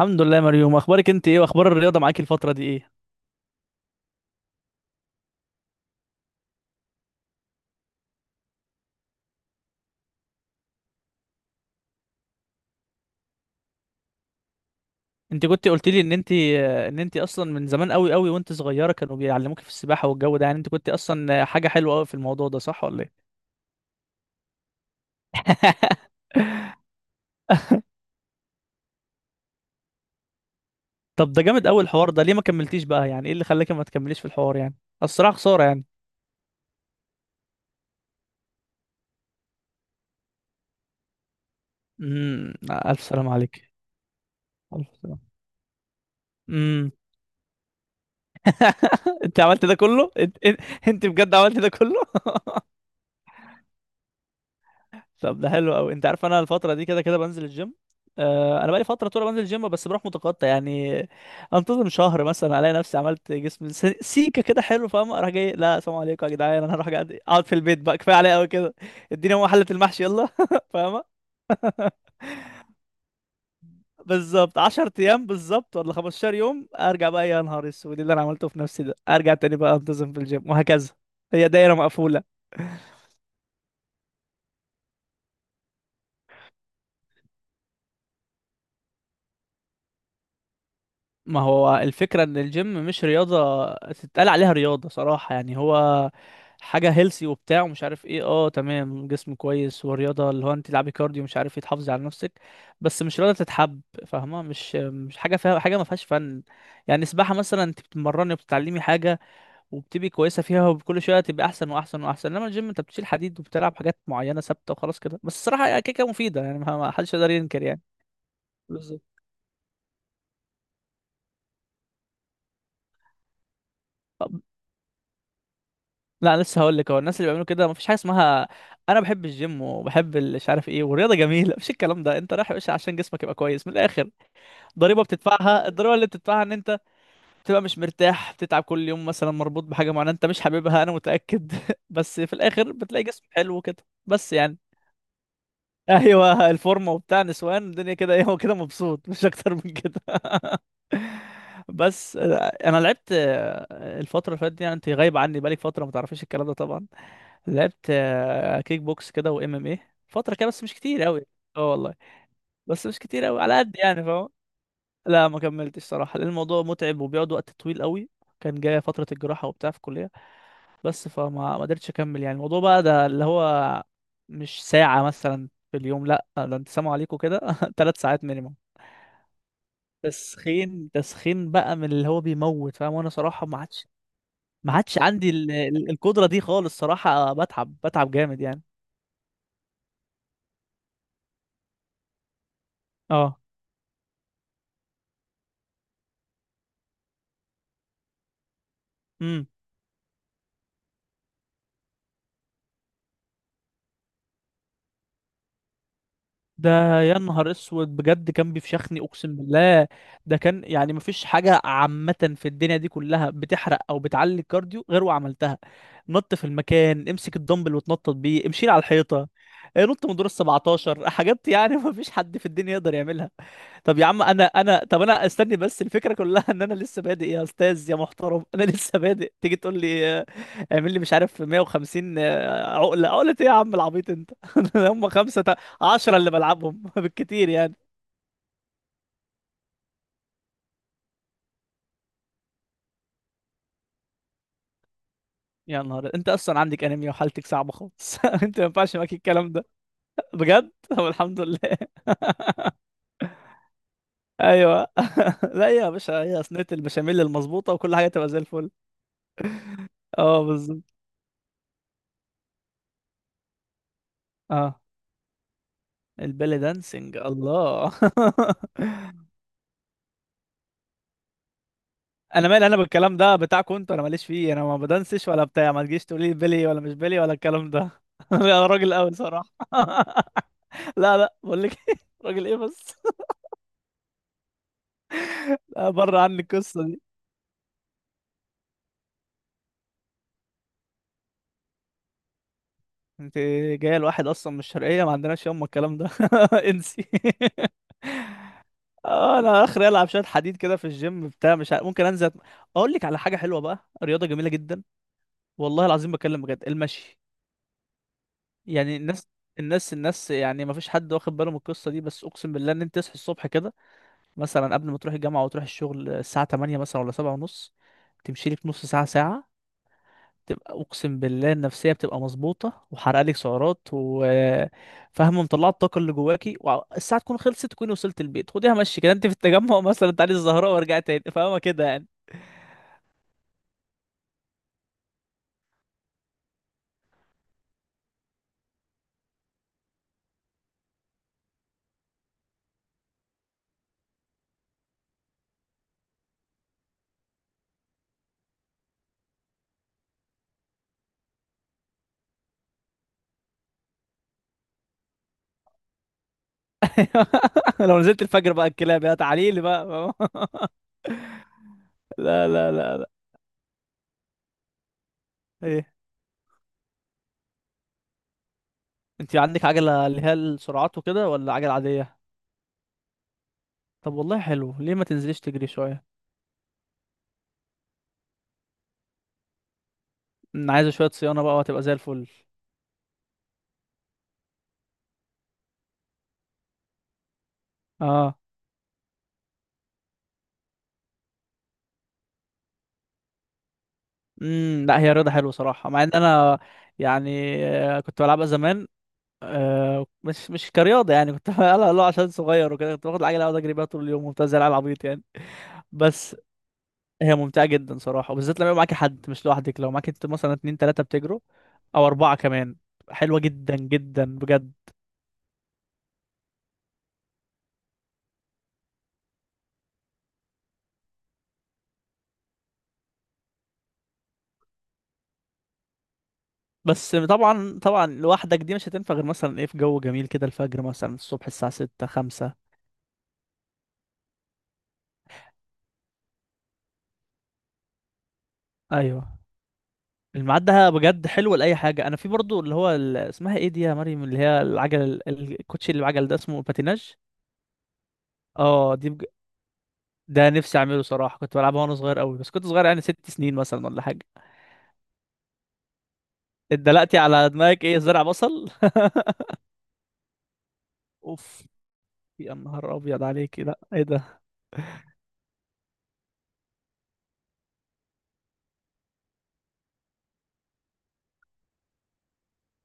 الحمد لله يا مريوم، اخبارك انت ايه؟ واخبار الرياضه معاكي الفتره دي ايه؟ انت كنت قلت لي ان انت اصلا من زمان قوي قوي وانت صغيره كانوا بيعلموك في السباحه، والجو ده يعني انت كنت اصلا حاجه حلوه قوي في الموضوع ده، صح ولا ايه؟ طب ده جامد قوي الحوار ده، ليه ما كملتيش بقى؟ يعني ايه اللي خلاك ما تكمليش في الحوار؟ يعني الصراحه خساره يعني. امم. الف سلام عليك. الف سلام. امم. انت عملت ده كله؟ انت انت أنت بجد عملت ده كله؟ طب ده حلو قوي. انت عارف انا الفتره دي كده كده بنزل الجيم. انا بقالي فتره طول بنزل الجيم، بس بروح متقطع يعني. انتظم شهر مثلا، الاقي نفسي عملت جسم سيكه كده حلو، فاهم؟ اروح جاي لا، سلام عليكم يا جدعان. انا هروح قاعد اقعد في البيت بقى، كفايه عليا قوي كده. اديني هو حله المحشي يلا. فاهمه؟ بالظبط 10 ايام، بالظبط ولا 15 يوم، ارجع بقى. يا نهار اسود اللي انا عملته في نفسي ده! ارجع تاني بقى انتظم في الجيم وهكذا. هي دايره مقفوله. ما هو الفكرة ان الجيم مش رياضة تتقال عليها رياضة صراحة. يعني هو حاجة هيلسي وبتاع، ومش عارف ايه، تمام، جسم كويس ورياضة اللي هو انت تلعبي كارديو، مش عارف ايه، تحافظي على نفسك. بس مش رياضة تتحب، فاهمة؟ مش حاجة فيها حاجة، ما فيهاش فن. يعني سباحة مثلا انت بتتمرني وبتتعلمي حاجة، وبتبقي كويسة فيها وكل شوية تبقى احسن واحسن واحسن. انما الجيم، انت بتشيل حديد وبتلعب حاجات معينة ثابتة وخلاص كده. بس الصراحة كيكة مفيدة يعني، ما حدش يقدر ينكر يعني. بالظبط. لا، أنا لسه هقول لك، هو الناس اللي بيعملوا كده مفيش حاجه اسمها. انا بحب الجيم وبحب مش عارف ايه، والرياضه جميله. مفيش الكلام ده، انت رايح يا باشا عشان جسمك يبقى كويس من الاخر. ضريبه بتدفعها الضريبه اللي بتدفعها ان انت بتبقى مش مرتاح، بتتعب كل يوم مثلا، مربوط بحاجه معينه انت مش حاببها، انا متاكد. بس في الاخر بتلاقي جسم حلو كده، بس يعني. ايوه، الفورمه وبتاع، نسوان الدنيا كده ايه، هو كده مبسوط مش اكتر من كده. بس، انا لعبت الفتره اللي فاتت دي يعني، انت غايب عني بقالك فتره، ما تعرفيش الكلام ده طبعا. لعبت كيك بوكس كده، وام ام ايه فتره كده، بس مش كتير قوي. اه والله، بس مش كتير قوي على قد يعني، فاهم؟ لا ما كملتش صراحه، لان الموضوع متعب وبيقعد وقت طويل قوي. كان جايه فتره الجراحه وبتاع في الكليه. بس فما ما قدرتش اكمل يعني، الموضوع بقى ده اللي هو، مش ساعه مثلا في اليوم، لا ده انت سامع عليكم كده 3 ساعات مينيموم. تسخين تسخين بقى، من اللي هو بيموت، فاهم؟ وانا صراحه ما عادش عندي القدره دي خالص صراحه، بتعب بتعب جامد يعني. اه. امم. ده يا نهار اسود بجد، كان بيفشخني اقسم بالله! ده كان يعني مفيش حاجه عامه في الدنيا دي كلها بتحرق او بتعلي الكارديو غير وعملتها. نط في المكان، امسك الدمبل وتنطط بيه، امشي على الحيطه، نط من دور ال 17 حاجات يعني. مفيش حد في الدنيا يقدر يعملها. طب يا عم، انا استني بس. الفكره كلها ان انا لسه بادئ يا استاذ يا محترم. انا لسه بادئ تيجي تقول لي اعمل لي مش عارف 150 عقله ايه يا عم العبيط انت؟ هم خمسه عشرة اللي بلعبهم بالكتير يعني. يا نهار! انت اصلا عندك انيميا وحالتك صعبه خالص. انت ما ينفعش معاك الكلام ده بجد. طب الحمد لله. ايوه. لا يا باشا، هي صينيه البشاميل المظبوطه وكل حاجه تبقى زي الفل. اه بالظبط. اه، البالي دانسينج، الله! انا مالي انا بالكلام ده بتاعكم انتوا، انا ماليش فيه، انا ما بدنسش ولا بتاع، ما تجيش تقولي لي بيلي ولا مش بيلي ولا الكلام ده. انا راجل قوي صراحه. لا لا، بقول لك إيه، راجل ايه بس! لا، بره عني القصه دي. انت جايه لواحد اصلا من الشرقيه، ما عندناش يوم الكلام ده. انسي. انا اخري العب شويه حديد كده في الجيم بتاع مش عارف، ممكن انزل اقول لك على حاجه حلوه بقى، رياضه جميله جدا. والله العظيم بكلم بجد، المشي. يعني الناس يعني ما فيش حد واخد باله من القصه دي، بس اقسم بالله ان انت تصحي الصبح كده، مثلا قبل ما تروح الجامعه وتروح الشغل، الساعه 8 مثلا ولا 7 ونص، تمشي لك نص ساعه ساعه، تبقى اقسم بالله النفسيه بتبقى مظبوطه، وحرق لك سعرات وفاهمه مطلعه الطاقه اللي جواكي، والساعه تكون خلصت تكوني وصلت البيت. خديها مشي كده، انت في التجمع مثلا تعالي الزهراء وارجعي تاني. فاهمه كده يعني؟ لو نزلت الفجر بقى الكلاب يا تعالي لي بقى. فاهمة؟ لا لا لا لا. ايه، انت عندك عجلة اللي هي السرعات وكده ولا عجلة عادية؟ طب والله حلو، ليه ما تنزليش تجري شوية؟ عايزة شوية صيانة بقى وهتبقى زي الفل. اه، لا، هي رياضة حلوة صراحة، مع ان انا يعني كنت بلعبها زمان، مش كرياضة يعني كنت. لا لا، عشان صغير وكده كنت باخد العجلة اقعد اجري بيها طول اليوم وبتاع زي العيال العبيط يعني. بس هي ممتعة جدا صراحة، وبالذات لما يبقى معاكي حد مش لوحدك، لو معاكي انت مثلا اتنين تلاتة بتجروا او اربعة كمان، حلوة جدا جدا بجد. بس طبعا طبعا، لوحدك دي مش هتنفع غير مثلا ايه في جو جميل كده. الفجر مثلا، الصبح، الساعة ستة خمسة. ايوه، الميعاد ده بجد حلو لأي حاجة. أنا في برضو اللي هو اسمها ايه دي يا مريم اللي هي العجل، الكوتشي اللي بعجل، ده اسمه باتيناج. اه، دي ده نفسي أعمله صراحة. كنت بلعبها وأنا صغير قوي، بس كنت صغير يعني 6 سنين مثلا ولا حاجة. اتدلقتي على دماغك، ايه زرع بصل؟ اوف، يا نهار أبيض عليك! لا ايه ده،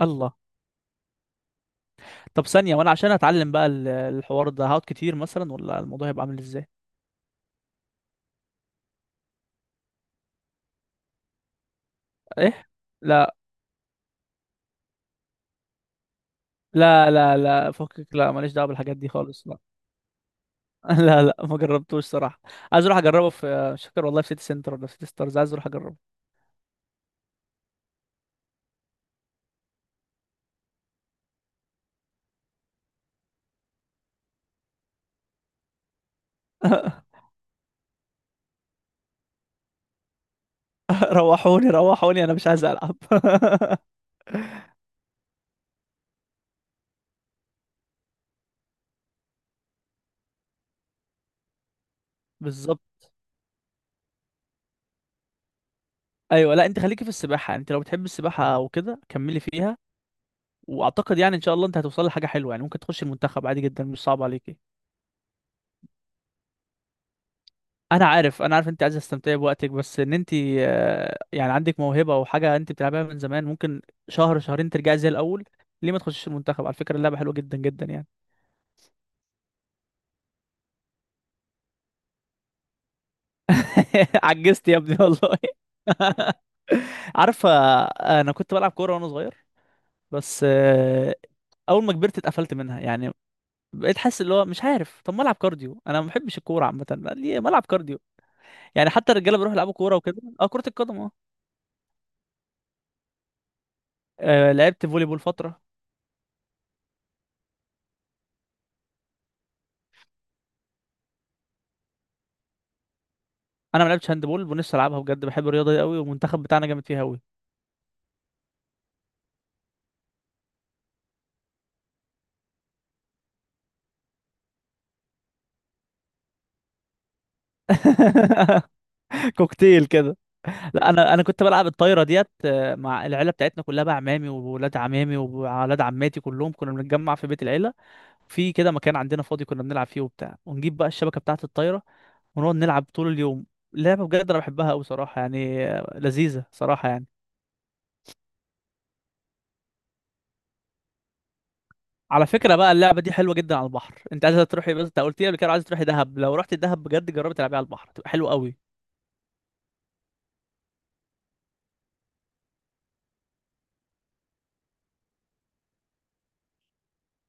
الله! طب ثانية، وأنا عشان أتعلم بقى الحوار ده، هقعد كتير مثلا ولا الموضوع هيبقى عامل ازاي؟ ايه؟ لا لا لا لا، فكك، لا ماليش دعوه بالحاجات دي خالص، لا. لا لا، ما جربتوش صراحه. عايز اروح اجربه في مش فاكر والله، في سيتي سنتر ولا في سيتي ستارز، عايز اروح اجربه. روحوني روحوني، انا مش عايز العب. بالظبط. ايوه. لا، انت خليكي في السباحه يعني، انت لو بتحب السباحه وكده كملي فيها. واعتقد يعني ان شاء الله انت هتوصل لحاجه حلوه يعني، ممكن تخش المنتخب عادي جدا، مش صعب عليكي. انا عارف، انا عارف، انت عايز تستمتعي بوقتك، بس ان انت يعني عندك موهبه او حاجه انت بتلعبها من زمان، ممكن شهر شهرين ترجعي زي الاول. ليه ما تخشيش المنتخب؟ على فكره اللعبه حلوه جدا جدا يعني. عجزت يا ابني والله. عارف، انا كنت بلعب كوره وانا صغير، بس اول ما كبرت اتقفلت منها يعني، بقيت حاسس اللي هو مش عارف. طب ما العب كارديو، انا ما بحبش الكوره عامه، ليه ما العب كارديو؟ يعني حتى الرجاله بيروحوا يلعبوا كوره وكده، اه كره القدم، اه. لعبت فولي بول فتره. انا ما لعبتش هاند بول ونفسي العبها بجد، بحب الرياضه دي قوي والمنتخب بتاعنا جامد فيها قوي. كوكتيل كده. لا، انا كنت بلعب الطايره ديت مع العيله بتاعتنا كلها بقى، عمامي وولاد عمامي وولاد عماتي كلهم، كنا بنتجمع في بيت العيله، في كده مكان عندنا فاضي كنا بنلعب فيه وبتاع، ونجيب بقى الشبكه بتاعه الطايره ونقعد نلعب طول اليوم. لعبه بجد انا بحبها قوي صراحه يعني، لذيذه صراحه يعني. على فكره بقى، اللعبه دي حلوه جدا على البحر، انت عايزه تروحي، بس انت قلت لي قبل كده عايزه تروحي دهب. لو رحت دهب بجد جربي تلعبيها على البحر، تبقى حلوه قوي.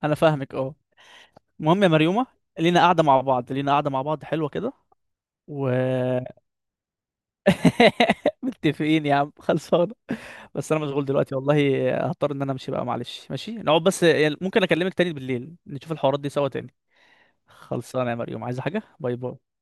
انا فاهمك، اه. المهم يا مريومة، لينا قاعدة مع بعض حلوة كده. و متفقين يا عم خلصانة. بس أنا مشغول دلوقتي والله، هضطر إن أنا أمشي بقى معلش. ماشي نقعد، بس يعني ممكن أكلمك تاني بالليل نشوف الحوارات دي سوا تاني. خلصانة يا مريوم، عايزة حاجة؟ باي باي.